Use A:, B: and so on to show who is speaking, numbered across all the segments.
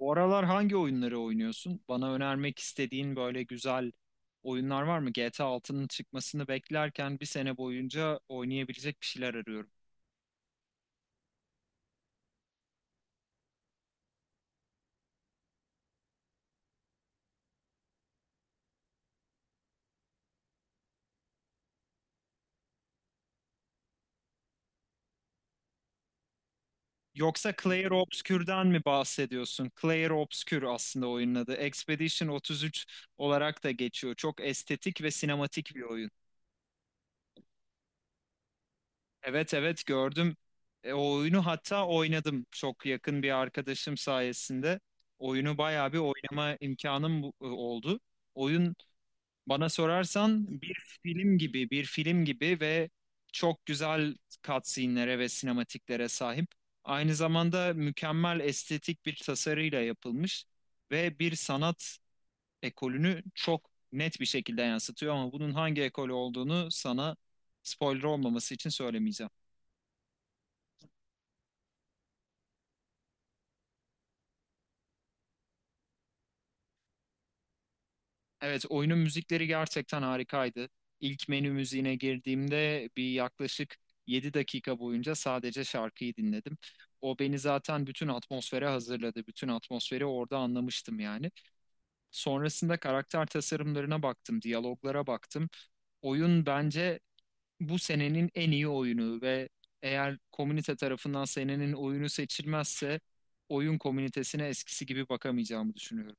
A: Bu aralar hangi oyunları oynuyorsun? Bana önermek istediğin böyle güzel oyunlar var mı? GTA altının çıkmasını beklerken bir sene boyunca oynayabilecek bir şeyler arıyorum. Yoksa Clair Obscure'dan mi bahsediyorsun? Clair Obscure aslında oyunun adı. Expedition otuz üç olarak da geçiyor. Çok estetik ve sinematik bir oyun. Evet, evet, gördüm. O oyunu hatta oynadım. Çok yakın bir arkadaşım sayesinde oyunu bayağı bir oynama imkanım oldu. Oyun Bana sorarsan bir film gibi ve çok güzel cutscene'lere ve sinematiklere sahip. Aynı zamanda mükemmel estetik bir tasarıyla yapılmış ve bir sanat ekolünü çok net bir şekilde yansıtıyor ama bunun hangi ekol olduğunu sana spoiler olmaması için söylemeyeceğim. Evet, oyunun müzikleri gerçekten harikaydı. İlk menü müziğine girdiğimde bir yaklaşık 7 dakika boyunca sadece şarkıyı dinledim. O beni zaten bütün atmosfere hazırladı. Bütün atmosferi orada anlamıştım yani. Sonrasında karakter tasarımlarına baktım, diyaloglara baktım. Oyun bence bu senenin en iyi oyunu ve eğer komünite tarafından senenin oyunu seçilmezse oyun komünitesine eskisi gibi bakamayacağımı düşünüyorum.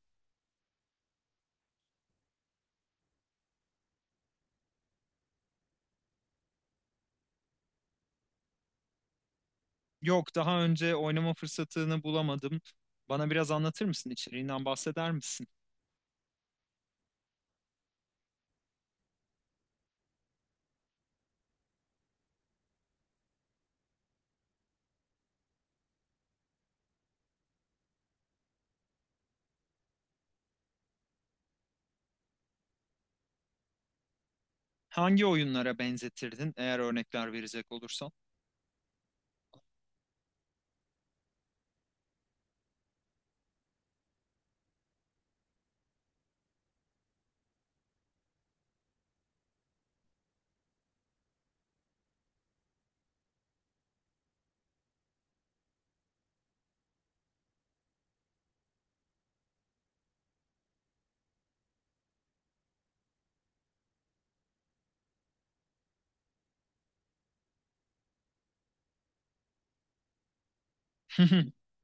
A: Yok, daha önce oynama fırsatını bulamadım. Bana biraz anlatır mısın? İçeriğinden bahseder misin? Hangi oyunlara benzetirdin eğer örnekler verecek olursan?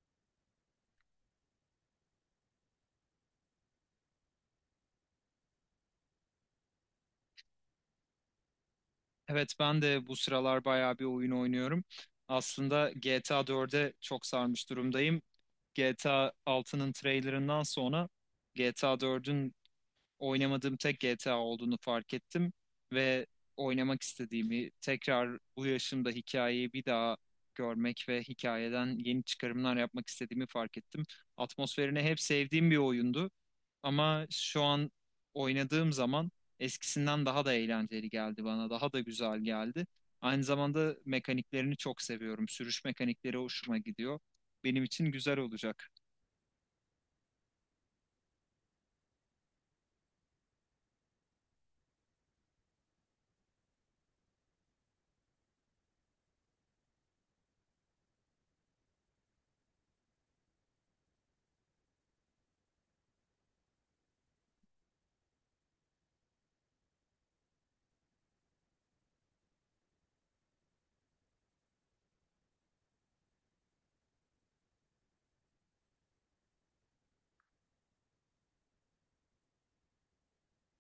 A: Evet, ben de bu sıralar bayağı bir oyun oynuyorum. Aslında GTA 4'e çok sarmış durumdayım. GTA 6'nın trailerından sonra GTA 4'ün oynamadığım tek GTA olduğunu fark ettim ve oynamak istediğimi, tekrar bu yaşımda hikayeyi bir daha görmek ve hikayeden yeni çıkarımlar yapmak istediğimi fark ettim. Atmosferini hep sevdiğim bir oyundu ama şu an oynadığım zaman eskisinden daha da eğlenceli geldi bana, daha da güzel geldi. Aynı zamanda mekaniklerini çok seviyorum. Sürüş mekanikleri hoşuma gidiyor. Benim için güzel olacak.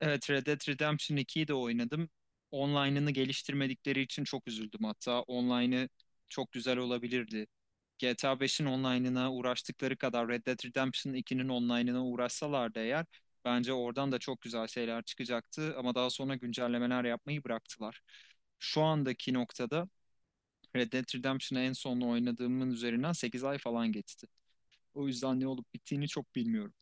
A: Evet, Red Dead Redemption 2'yi de oynadım. Online'ını geliştirmedikleri için çok üzüldüm hatta. Online'ı çok güzel olabilirdi. GTA 5'in online'ına uğraştıkları kadar Red Dead Redemption 2'nin online'ına uğraşsalardı eğer bence oradan da çok güzel şeyler çıkacaktı ama daha sonra güncellemeler yapmayı bıraktılar. Şu andaki noktada Red Dead Redemption'ı en son oynadığımın üzerinden 8 ay falan geçti. O yüzden ne olup bittiğini çok bilmiyorum.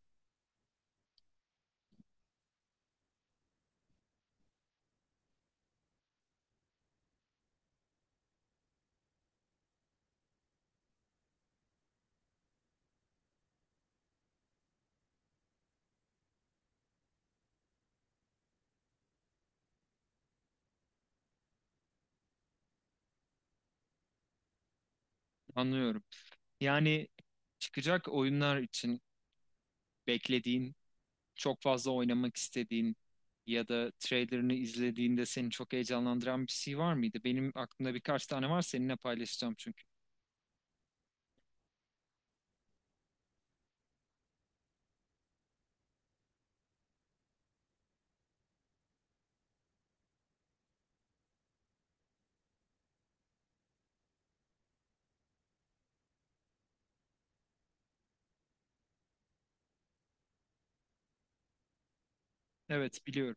A: Anlıyorum. Yani çıkacak oyunlar için beklediğin, çok fazla oynamak istediğin ya da trailerını izlediğinde seni çok heyecanlandıran bir şey var mıydı? Benim aklımda birkaç tane var seninle paylaşacağım çünkü. Evet, biliyorum.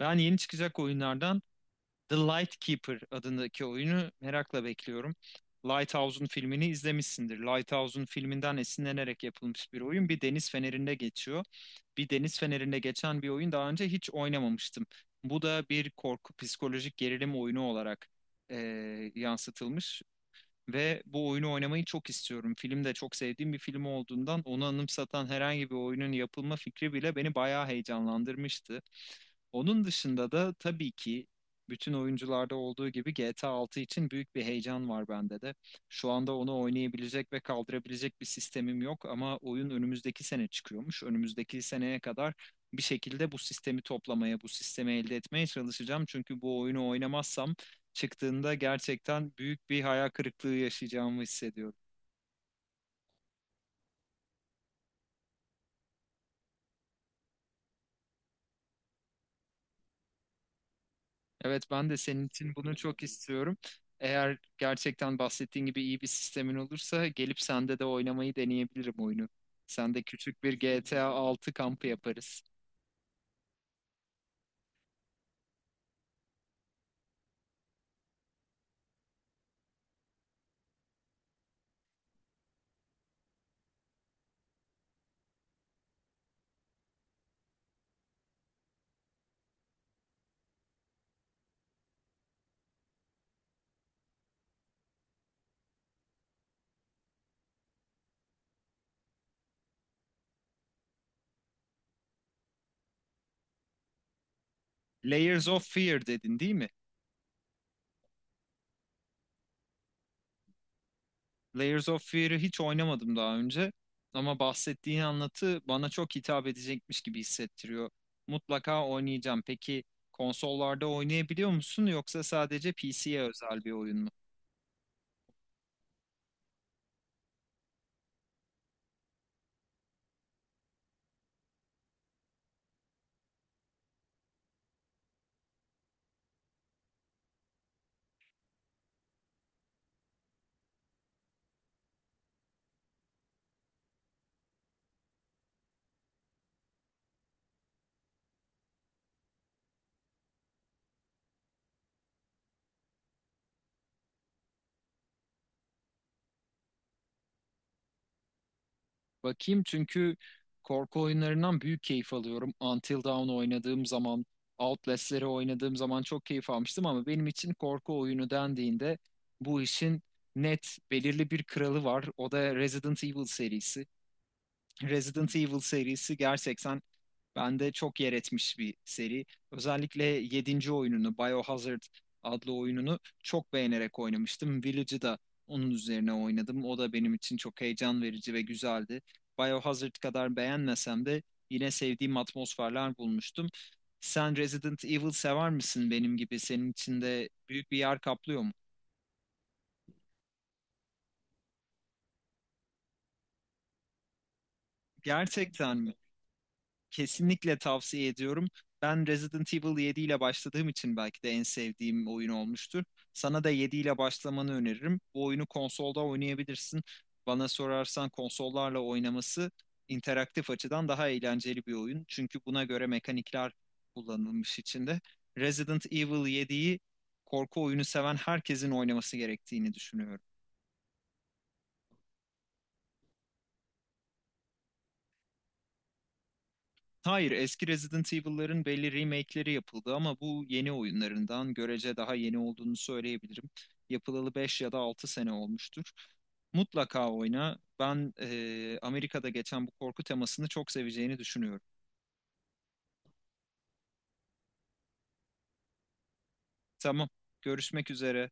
A: Ben yeni çıkacak oyunlardan The Lightkeeper adındaki oyunu merakla bekliyorum. Lighthouse'un filmini izlemişsindir. Lighthouse'un filminden esinlenerek yapılmış bir oyun. Bir deniz fenerinde geçiyor. Bir deniz fenerinde geçen bir oyun daha önce hiç oynamamıştım. Bu da bir korku psikolojik gerilim oyunu olarak yansıtılmış. Ve bu oyunu oynamayı çok istiyorum. Film de çok sevdiğim bir film olduğundan onu anımsatan herhangi bir oyunun yapılma fikri bile beni bayağı heyecanlandırmıştı. Onun dışında da tabii ki bütün oyuncularda olduğu gibi GTA 6 için büyük bir heyecan var bende de. Şu anda onu oynayabilecek ve kaldırabilecek bir sistemim yok ama oyun önümüzdeki sene çıkıyormuş. Önümüzdeki seneye kadar bir şekilde bu sistemi toplamaya, bu sistemi elde etmeye çalışacağım. Çünkü bu oyunu oynamazsam çıktığında gerçekten büyük bir hayal kırıklığı yaşayacağımı hissediyorum. Evet, ben de senin için bunu çok istiyorum. Eğer gerçekten bahsettiğin gibi iyi bir sistemin olursa gelip sende de oynamayı deneyebilirim oyunu. Sende küçük bir GTA 6 kampı yaparız. Layers of Fear dedin değil mi? Layers of Fear'ı hiç oynamadım daha önce. Ama bahsettiğin anlatı bana çok hitap edecekmiş gibi hissettiriyor. Mutlaka oynayacağım. Peki konsollarda oynayabiliyor musun yoksa sadece PC'ye özel bir oyun mu? Bakayım çünkü korku oyunlarından büyük keyif alıyorum. Until Dawn oynadığım zaman, Outlast'leri oynadığım zaman çok keyif almıştım ama benim için korku oyunu dendiğinde bu işin net belirli bir kralı var. O da Resident Evil serisi. Resident Evil serisi gerçekten bende çok yer etmiş bir seri. Özellikle yedinci oyununu, Biohazard adlı oyununu çok beğenerek oynamıştım. Village'ı da onun üzerine oynadım. O da benim için çok heyecan verici ve güzeldi. Biohazard kadar beğenmesem de yine sevdiğim atmosferler bulmuştum. Sen Resident Evil sever misin benim gibi? Senin için de büyük bir yer kaplıyor mu? Gerçekten mi? Kesinlikle tavsiye ediyorum. Ben Resident Evil 7 ile başladığım için belki de en sevdiğim oyun olmuştur. Sana da 7 ile başlamanı öneririm. Bu oyunu konsolda oynayabilirsin. Bana sorarsan konsollarla oynaması interaktif açıdan daha eğlenceli bir oyun. Çünkü buna göre mekanikler kullanılmış içinde. Resident Evil 7'yi korku oyunu seven herkesin oynaması gerektiğini düşünüyorum. Hayır, eski Resident Evil'ların belli remake'leri yapıldı ama bu yeni oyunlarından görece daha yeni olduğunu söyleyebilirim. Yapılalı 5 ya da 6 sene olmuştur. Mutlaka oyna. Ben Amerika'da geçen bu korku temasını çok seveceğini düşünüyorum. Tamam, görüşmek üzere.